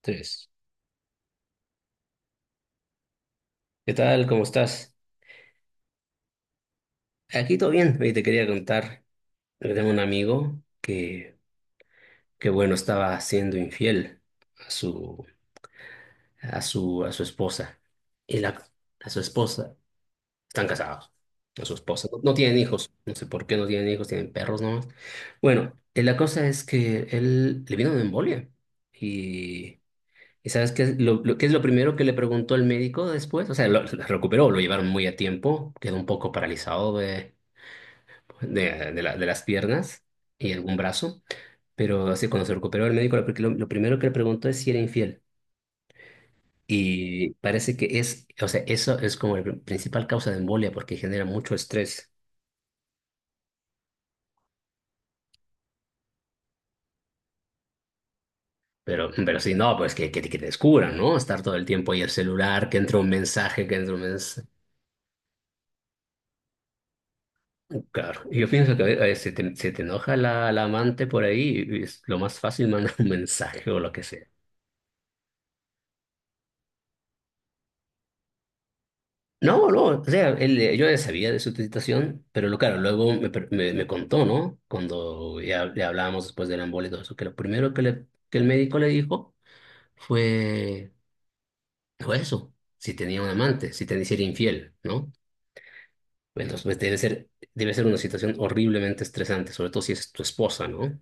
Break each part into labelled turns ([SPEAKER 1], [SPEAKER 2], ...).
[SPEAKER 1] Tres. ¿Qué tal? ¿Cómo estás? Aquí todo bien. Oye, te quería contar, que tengo un amigo que, estaba siendo infiel a su, a su esposa. Y la, a su esposa. Están casados. A su esposa. No, no tienen hijos. No sé por qué no tienen hijos, tienen perros nomás. Bueno, la cosa es que él le vino una embolia. Y, y ¿sabes qué es qué es lo primero que le preguntó el médico después? O sea, lo recuperó, lo llevaron muy a tiempo. Quedó un poco paralizado de las piernas y algún brazo, pero así cuando se recuperó el médico, lo primero que le preguntó es si era infiel. Y parece que es, o sea, eso es como la principal causa de embolia porque genera mucho estrés. Pero si no, pues que te descubran, ¿no? Estar todo el tiempo ahí el celular, que entra un mensaje, que entra un mensaje. Claro, yo pienso que a veces se te enoja la amante por ahí y es lo más fácil mandar un mensaje o lo que sea. No, no, o sea, él, yo ya sabía de su situación, pero claro, luego me contó, ¿no? Cuando ya le hablábamos después del embole y todo eso, que lo primero que el médico le dijo fue, eso, si tenía un amante, si era infiel, ¿no? Entonces, pues debe ser una situación horriblemente estresante, sobre todo si es tu esposa, ¿no?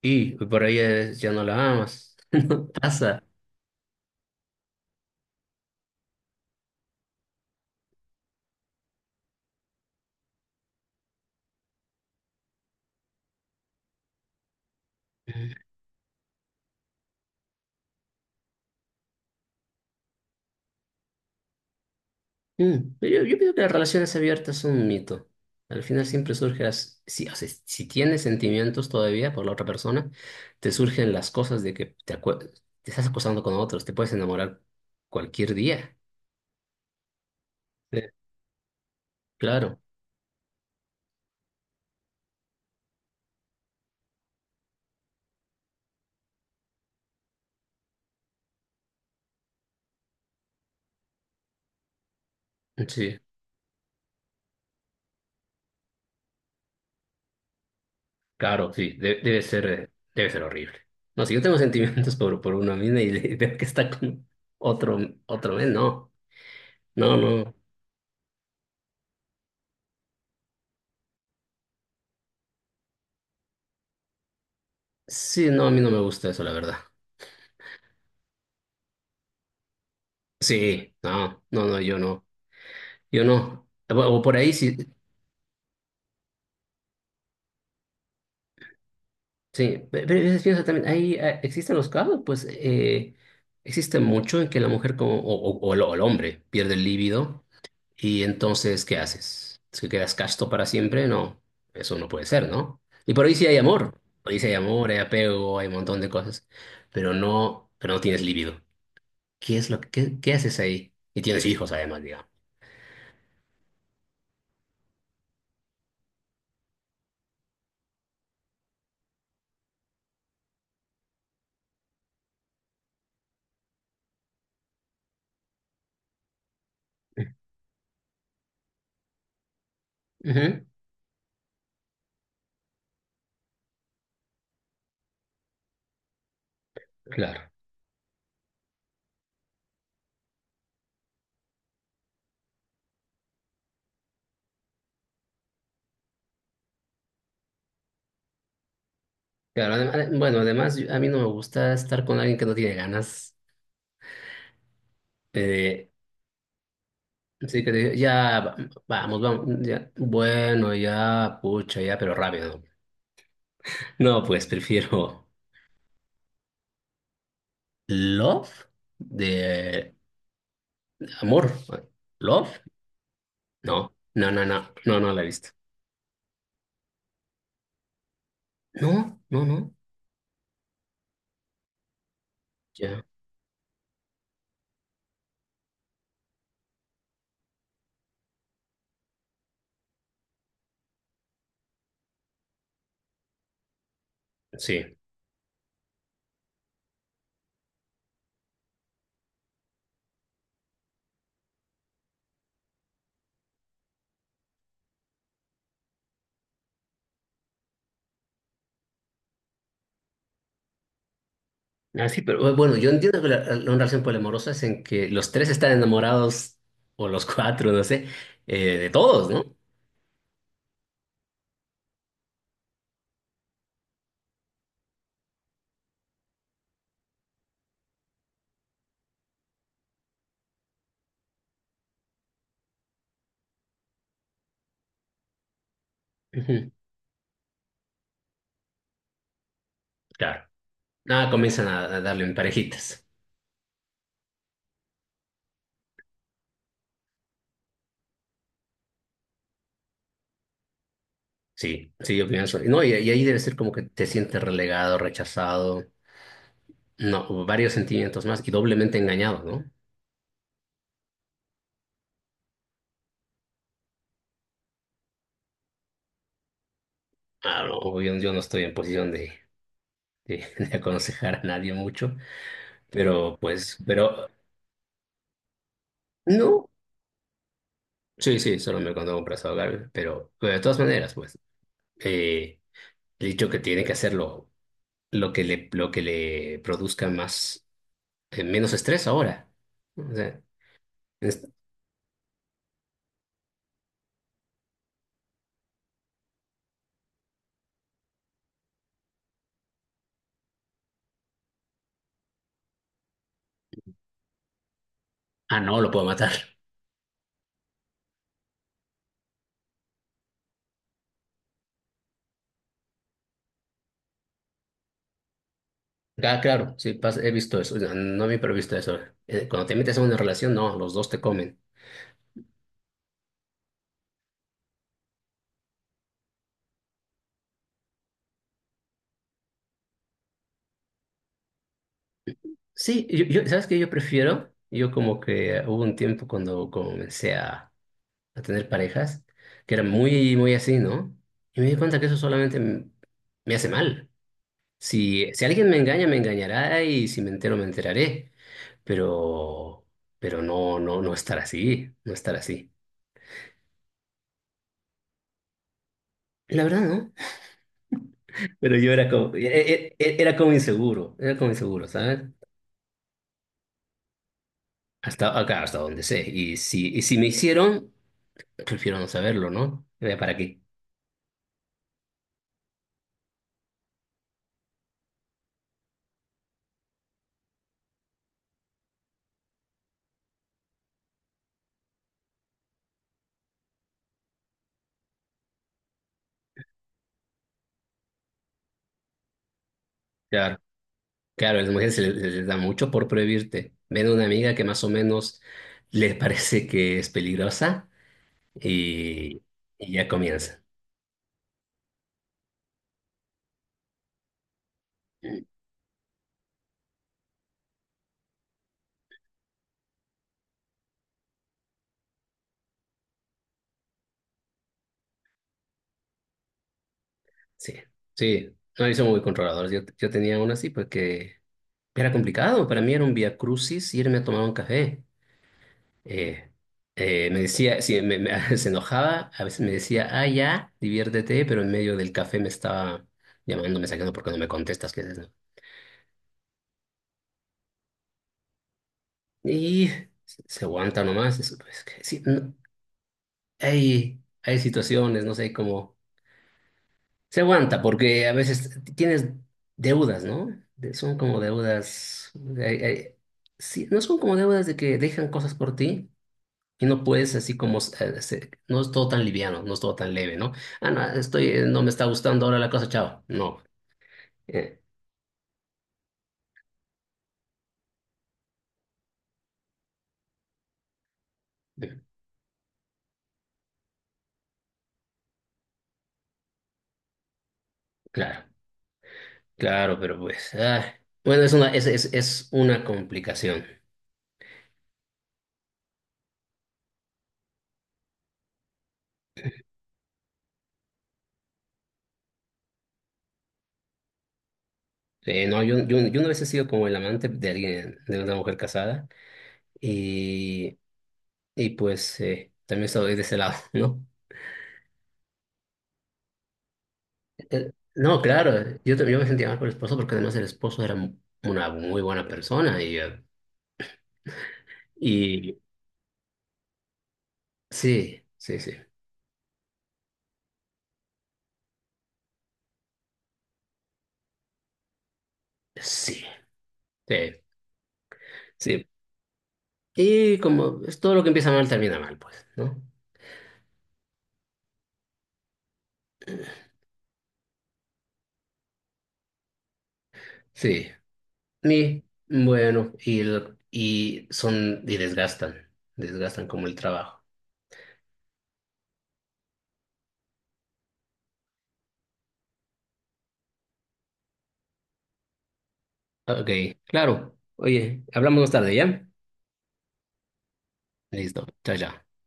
[SPEAKER 1] Y por ahí ya no la amas, ¿qué pasa? Mm, pero yo pienso que las relaciones abiertas son un mito. Al final siempre surge o sea, si tienes sentimientos todavía por la otra persona, te surgen las cosas de que te estás acostando con otros, te puedes enamorar cualquier día. Sí. Claro, sí, claro, sí, debe ser horrible. No, si yo tengo sentimientos por una mina y veo que está con otro, men, no, no, no. Sí, no, a mí no me gusta eso, la verdad. Sí, no, no, no, yo no. Yo no. O por ahí sí. Sí, pero a veces pienso también, ahí existen los casos, pues existe mucho en que la mujer como, o el hombre pierde el líbido y entonces, ¿qué haces? ¿Es que quedas casto para siempre? No, eso no puede ser, ¿no? Y por ahí sí hay amor, por ahí sí hay amor, hay apego, hay un montón de cosas, pero no tienes líbido. ¿Qué es lo que, qué haces ahí? Y tienes hijos además, digamos. Ujú. Claro. Claro, bueno, además a mí no me gusta estar con alguien que no tiene ganas. Eh, sí que ya, vamos, vamos, ya, bueno, ya, pucha, ya, pero rápido. No, pues prefiero Love de amor. ¿Love? No, no, no, no, no, no la he visto. No, no, no, ya, sí. Ah, sí, pero bueno, yo entiendo que la relación poliamorosa es en que los tres están enamorados, o los cuatro, no sé, de todos, ¿no? Ujú. Claro. Nada, comienzan a darle en parejitas. Sí, sí, yo pienso. No, y ahí debe ser como que te sientes relegado, rechazado, no, varios sentimientos más y doblemente engañado, ¿no? Ah, no, obvio, yo, no estoy en posición de, de aconsejar a nadie mucho, pero no, sí, sí, solo me cuando compras a ahogar, pero de todas maneras, pues, eh, he dicho que tiene que hacerlo lo que le produzca más, menos estrés ahora, ¿no? O sea, es- ah, no, lo puedo matar. Ah, claro, sí, he visto eso. No, no me he visto eso. Cuando te metes en una relación, no, los dos te comen. Sí, ¿sabes qué yo prefiero? Yo como que hubo un tiempo cuando comencé a tener parejas que era muy, muy así, ¿no? Y me di cuenta que eso solamente me hace mal. Si alguien me engaña, me engañará y si me entero, me enteraré. Pero, pero no, no, no estar así, no estar así. La verdad, ¿no? Pero yo era como, era como inseguro, ¿sabes? Hasta acá, hasta donde sé. Y si me hicieron, prefiero no saberlo, ¿no? ¿Para qué? Claro, claro, a las mujeres se les da mucho por prohibirte. Ven a una amiga que más o menos les parece que es peligrosa y, y ya comienza. Sí, sí, no, ellos son muy controladores. Yo tenía una así porque era complicado. Para mí era un vía crucis irme a tomar un café. Eh, me decía, sí, se enojaba, a veces me decía, ah, ya, diviértete, pero en medio del café me estaba llamando, me sacando porque no me contestas, ¿qué haces, no? Y se aguanta nomás, es que sí, no, hay situaciones, no sé cómo, se aguanta porque a veces tienes deudas, ¿no? Son como deudas, hay- hay- sí, no son como deudas de que dejan cosas por ti, y no puedes así como, no es todo tan liviano, no es todo tan leve, ¿no? Ah, no, no me está gustando ahora la cosa, chao. No, eh, eh, claro, claro, pero pues, ah, bueno, es una complicación. No, yo una vez he sido como el amante de alguien, de una mujer casada, y, y pues también estoy de ese lado, ¿no? No, claro, yo me sentía mal por el esposo porque además el esposo era una muy buena persona y sí, sí, sí. Sí, sí, sí. Y como es todo lo que empieza mal termina mal, pues, ¿no? Sí. Y bueno, y son, y desgastan como el trabajo. Ok, claro. Oye, hablamos más tarde, ¿ya? Listo, chao, chao.